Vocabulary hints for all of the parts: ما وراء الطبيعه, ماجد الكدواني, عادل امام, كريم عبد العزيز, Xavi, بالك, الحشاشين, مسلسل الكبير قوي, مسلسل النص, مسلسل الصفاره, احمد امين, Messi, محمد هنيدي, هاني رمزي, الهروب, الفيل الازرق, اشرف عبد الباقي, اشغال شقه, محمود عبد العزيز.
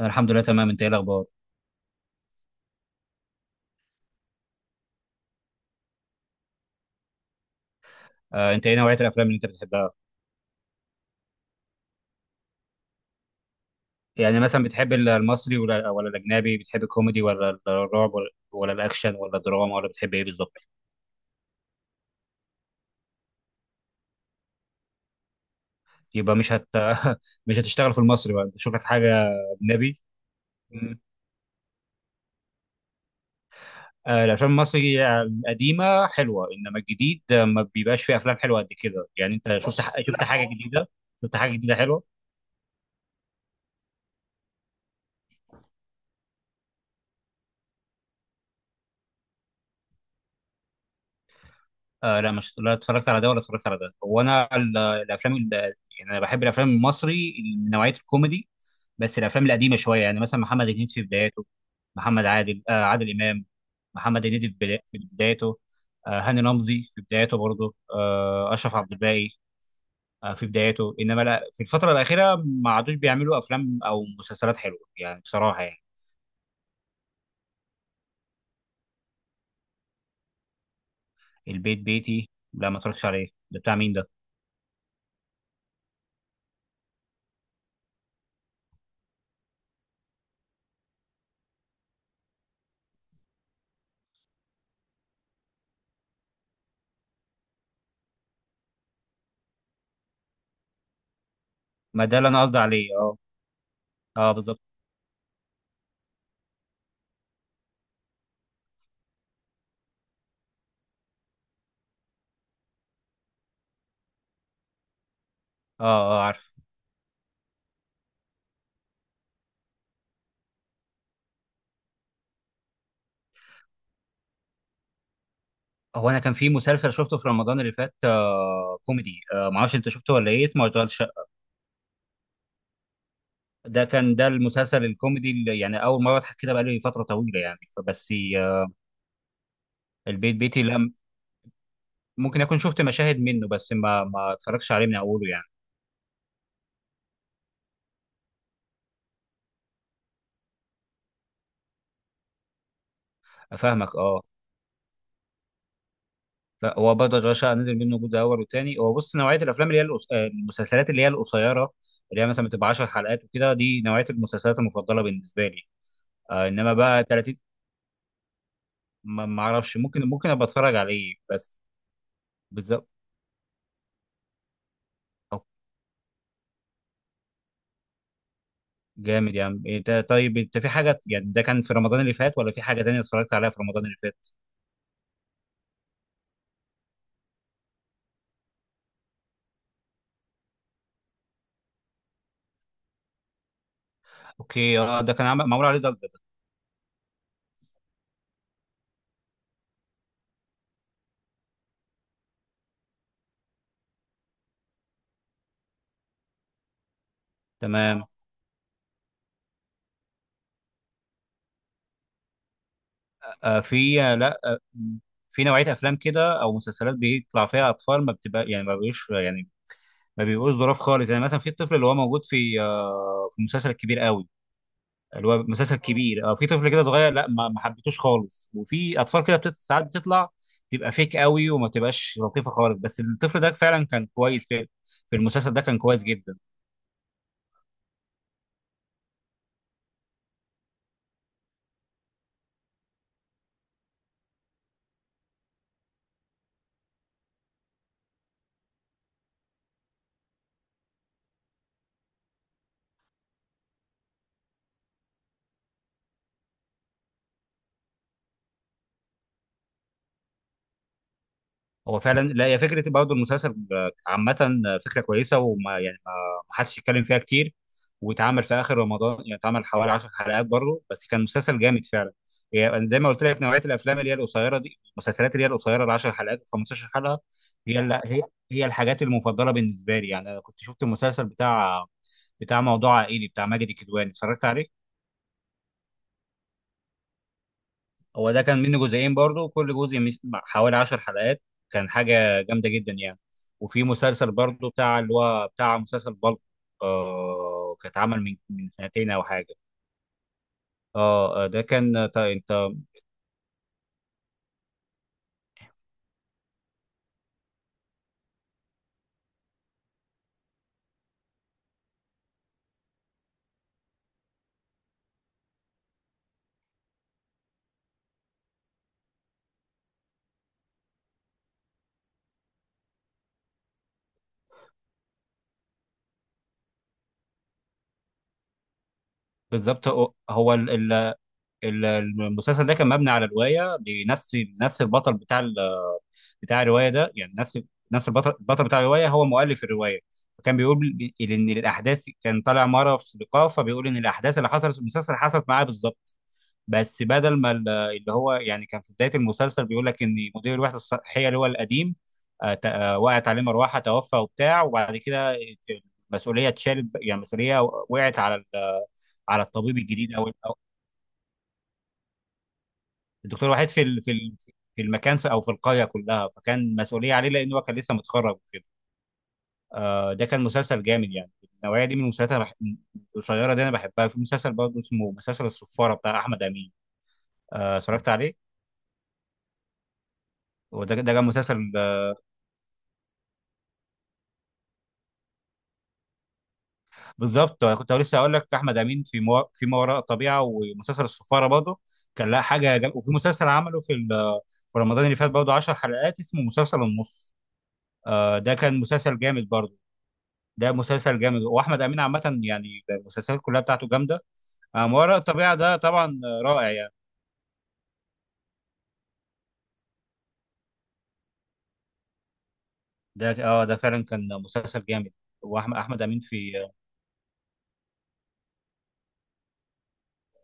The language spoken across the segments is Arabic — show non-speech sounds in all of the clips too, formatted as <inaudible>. انا الحمد لله تمام. انت ايه الاخبار؟ انت ايه نوعيه الافلام اللي انت بتحبها؟ يعني مثلا بتحب المصري ولا ولا الاجنبي؟ بتحب الكوميدي ولا الرعب ولا الاكشن ولا الدراما ولا بتحب ايه بالظبط؟ يبقى مش هت <laughs> مش هتشتغل في المصري بقى، تشوف لك حاجه اجنبي. مم. الافلام المصري القديمه حلوه، انما الجديد ما بيبقاش فيه افلام حلوه قد كده. يعني انت شفت، بص، شفت حاجه جديده؟ شفت حاجه جديده حلوه؟ لا، مش لا اتفرجت على ده ولا اتفرجت على ده. هو انا الافلام يعني انا بحب الافلام المصري من نوعيه الكوميدي، بس الافلام القديمه شويه. يعني مثلا محمد هنيدي في بداياته، محمد عادل آه عادل امام، محمد هنيدي في بدايته، هاني رمزي في بدايته برضه، اشرف عبد الباقي في بدايته. انما لا، في الفتره الاخيره ما عادوش بيعملوا افلام او مسلسلات حلوه يعني، بصراحه يعني. البيت بيتي لا، ما اتفرجتش عليه، ده بتاع مين ده؟ ما ده اللي انا قصدي عليه، اه. اه بالظبط. اه، اه عارف. هو انا كان في مسلسل شفته في رمضان اللي فات، كوميدي، ما اعرفش انت شفته ولا ايه، اسمه اشغال شقه. ده كان المسلسل الكوميدي اللي يعني اول مره اضحك كده بقالي فتره طويله يعني، فبس. آه البيت بيتي لا، ممكن اكون شفت مشاهد منه بس ما اتفرجتش عليه من اوله يعني. افهمك اه. هو برضه اشغال شقه نزل منه جزء اول وثاني. هو بص، نوعيه الافلام اللي هي المسلسلات اللي هي القصيره، اللي هي مثلا بتبقى 10 حلقات وكده، دي نوعيه المسلسلات المفضله بالنسبه لي. آه، انما بقى 30. ما اعرفش، ممكن ابقى اتفرج عليه بس. بالظبط. أو جامد يا عم، ايه ده. طيب انت في حاجه يعني ده كان في رمضان اللي فات، ولا في حاجه تانية اتفرجت عليها في رمضان اللي فات؟ اوكي، اه، ده كان عمل معمول عليه ضجه ده. تمام. آه في آه، لا آه في نوعيه افلام كده او مسلسلات بيطلع فيها اطفال، ما بتبقى يعني ما بيبقوش ظراف خالص. يعني مثلا في الطفل اللي هو موجود في في المسلسل الكبير قوي، اللي هو مسلسل كبير، اه، في طفل كده صغير، لا ما حبيتوش خالص. وفي اطفال كده بتت... ساعات بتطلع تبقى فيك قوي وما تبقاش لطيفه خالص، بس الطفل ده فعلا كان كويس في، في المسلسل ده كان كويس جدا. هو فعلا لا، هي فكره برضه المسلسل عامه، فكره كويسه وما يعني ما ما حدش يتكلم فيها كتير. واتعمل في اخر رمضان يعني، اتعمل حوالي 10 حلقات برضه، بس كان مسلسل جامد فعلا. يعني زي ما قلت لك، نوعيه الافلام اللي هي القصيره دي، المسلسلات اللي هي القصيره، ال 10 حلقات و15 حلقه، هي هي الحاجات المفضله بالنسبه لي. يعني انا كنت شفت المسلسل بتاع موضوع عائلي، بتاع ماجد الكدواني، اتفرجت عليه. هو ده كان منه جزئين برضو، كل جزء حوالي عشر حلقات، كان حاجة جامدة جدا يعني. وفي مسلسل برضو بتاع اللي هو بتاع مسلسل بالك، كان اتعمل من سنتين أو حاجة. اه، آه، ده كان تا- انت بالظبط. هو المسلسل ده كان مبني على رواية، لنفس البطل بتاع الروايه ده. يعني نفس البطل، بتاع الروايه هو مؤلف الروايه. فكان بيقول ان الاحداث، كان طالع مره في لقاء فبيقول ان الاحداث اللي حصلت في المسلسل حصلت معاه بالظبط. بس بدل ما اللي هو يعني كان في بدايه المسلسل بيقول لك ان مدير الوحده الصحيه اللي هو القديم وقعت عليه مروحه توفى وبتاع، وبعد كده المسؤوليه اتشالت، يعني المسؤوليه وقعت على على الطبيب الجديد او، الدكتور وحيد في في المكان، في او في القريه كلها، فكان مسؤوليه عليه لانه كان لسه متخرج. ده كان مسلسل جامد يعني. النوعيه دي من المسلسلات أنا القصيره دي انا بحبها. في مسلسل برضه اسمه مسلسل الصفاره بتاع احمد امين، اتفرجت عليه. وده كان مسلسل بالظبط. أنا كنت لسه هقول لك احمد امين في ما وراء الطبيعه ومسلسل الصفاره برضه، كان لها حاجه جم... وفي مسلسل عمله في ال... في رمضان اللي فات برضه 10 حلقات، اسمه مسلسل النص. ده كان مسلسل جامد برضه. ده مسلسل جامد، واحمد امين عامه يعني المسلسلات كلها بتاعته جامده. ما وراء الطبيعه ده طبعا رائع يعني. ده، اه، ده فعلا كان مسلسل جامد. واحمد امين في،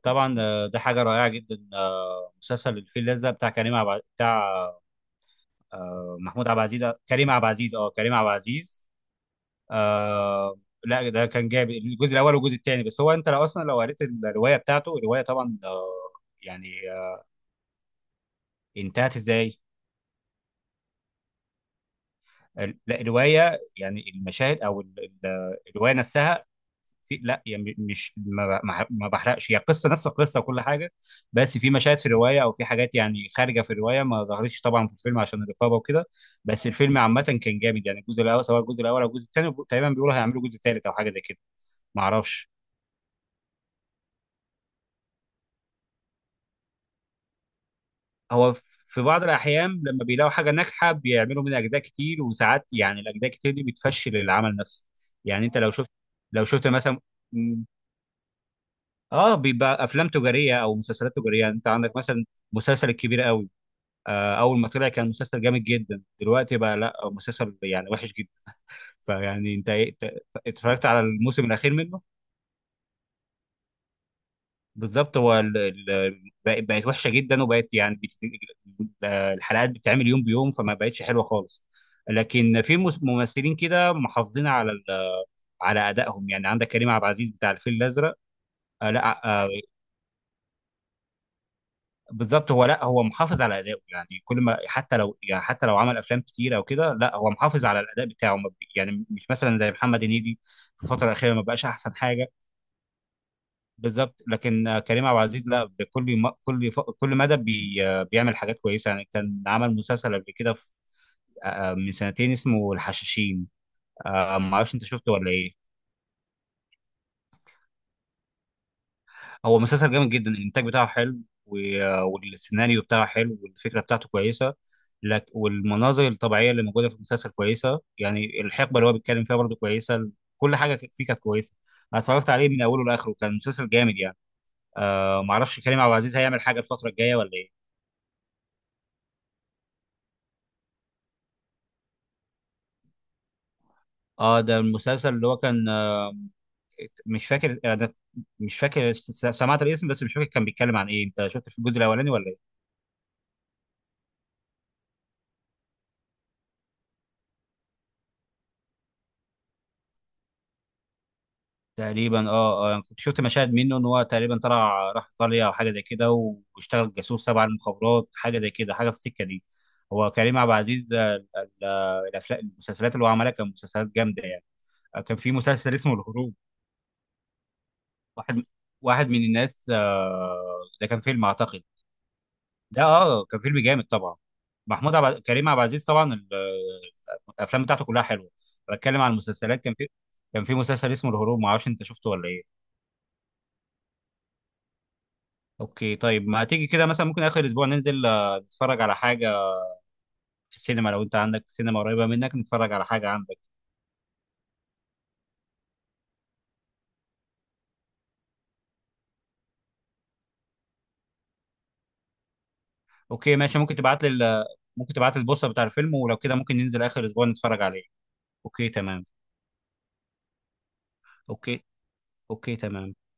طبعا ده حاجه رائعه جدا، مسلسل الفيل الازرق بتاع كريم عب... بتاع آه، محمود عبد العزيز آه، كريم عبد العزيز، اه، كريم عبد العزيز. آه لا، ده كان جامد الجزء الاول والجزء الثاني. بس هو انت لو اصلا لو قريت الروايه بتاعته، الروايه طبعا يعني آه، انتهت ازاي؟ لا الروايه يعني المشاهد الروايه نفسها. في، لا يعني مش ما بحرقش، هي قصه نفس القصه وكل حاجه. بس في مشاهد في الروايه، او في حاجات يعني خارجه في الروايه ما ظهرتش طبعا في الفيلم، عشان الرقابه وكده. بس الفيلم عامه كان جامد يعني. الجزء الاول، سواء الجزء الاول او الجزء الثاني تقريبا بيقولوا هيعملوا جزء ثالث او حاجه زي كده. ما اعرفش. هو في بعض الاحيان لما بيلاقوا حاجه ناجحه بيعملوا منها اجزاء كتير، وساعات يعني الاجزاء كتير دي بتفشل العمل نفسه. يعني انت لو شفت مثلا، م- اه، بيبقى افلام تجاريه او مسلسلات تجاريه. انت عندك مثلا مسلسل الكبير قوي، اول ما طلع كان مسلسل جامد جدا، دلوقتي بقى لا، مسلسل يعني وحش جدا. فيعني انت اتفرجت على الموسم الاخير منه؟ بالظبط. هو بقت وحشه جدا، وبقت يعني الحلقات بتتعمل يوم بيوم فما بقتش حلوه خالص. لكن في ممثلين كده محافظين على على ادائهم. يعني عندك كريم عبد العزيز بتاع الفيل الازرق. آه، لا آه، بالظبط، هو لا، هو محافظ على ادائه يعني. كل ما، حتى لو يعني حتى لو عمل افلام كتيره او كده، لا هو محافظ على الاداء بتاعه، ما بي- يعني مش مثلا زي محمد هنيدي. في الفتره الاخيره ما بقاش احسن حاجه. بالظبط، لكن كريم عبد العزيز لا، بكل كل مدى بي... آه، بيعمل حاجات كويسه يعني. كان عمل مسلسل قبل كده في... آه، آه، من سنتين اسمه الحشاشين، ما اعرفش انت شفته ولا ايه. هو مسلسل جامد جدا، الانتاج بتاعه حلو، والسيناريو بتاعه حلو، والفكره بتاعته كويسه لك، والمناظر الطبيعيه اللي موجوده في المسلسل كويسه. يعني الحقبه اللي هو بيتكلم فيها برضه كويسه، كل حاجه فيه كانت كويسه. انا اتفرجت عليه من اوله لاخره، كان مسلسل جامد يعني. معرفش كريم عبد العزيز هيعمل حاجه الفتره الجايه ولا ايه. اه، ده المسلسل اللي هو كان مش فاكر انا. مش فاكر سمعت الاسم بس مش فاكر كان بيتكلم عن ايه. انت شفت في الجزء الاولاني ولا ايه؟ تقريبا اه، اه يعني كنت شفت مشاهد منه، ان هو تقريبا طلع راح ايطاليا او حاجه زي كده، واشتغل جاسوس تبع المخابرات، حاجه زي كده، حاجه في السكه دي. هو كريم عبد العزيز ال- الافلام المسلسلات اللي هو عملها كان مسلسلات جامده يعني. كان في مسلسل اسمه الهروب. واحد واحد من الناس ده كان فيلم اعتقد. ده، اه، كان فيلم جامد طبعا. محمود عبد كريم عبد العزيز طبعا الافلام بتاعته كلها حلوه. بتكلم عن المسلسلات، كان في مسلسل اسمه الهروب، ما اعرفش انت شفته ولا ايه. اوكي طيب، ما تيجي كده مثلا، ممكن اخر اسبوع ننزل نتفرج على حاجه في السينما، لو انت عندك سينما قريبه منك نتفرج على حاجه عندك. اوكي ماشي. ممكن تبعت لي البوستر بتاع الفيلم، ولو كده ممكن ننزل اخر اسبوع نتفرج عليه. اوكي تمام. اوكي. اوكي تمام.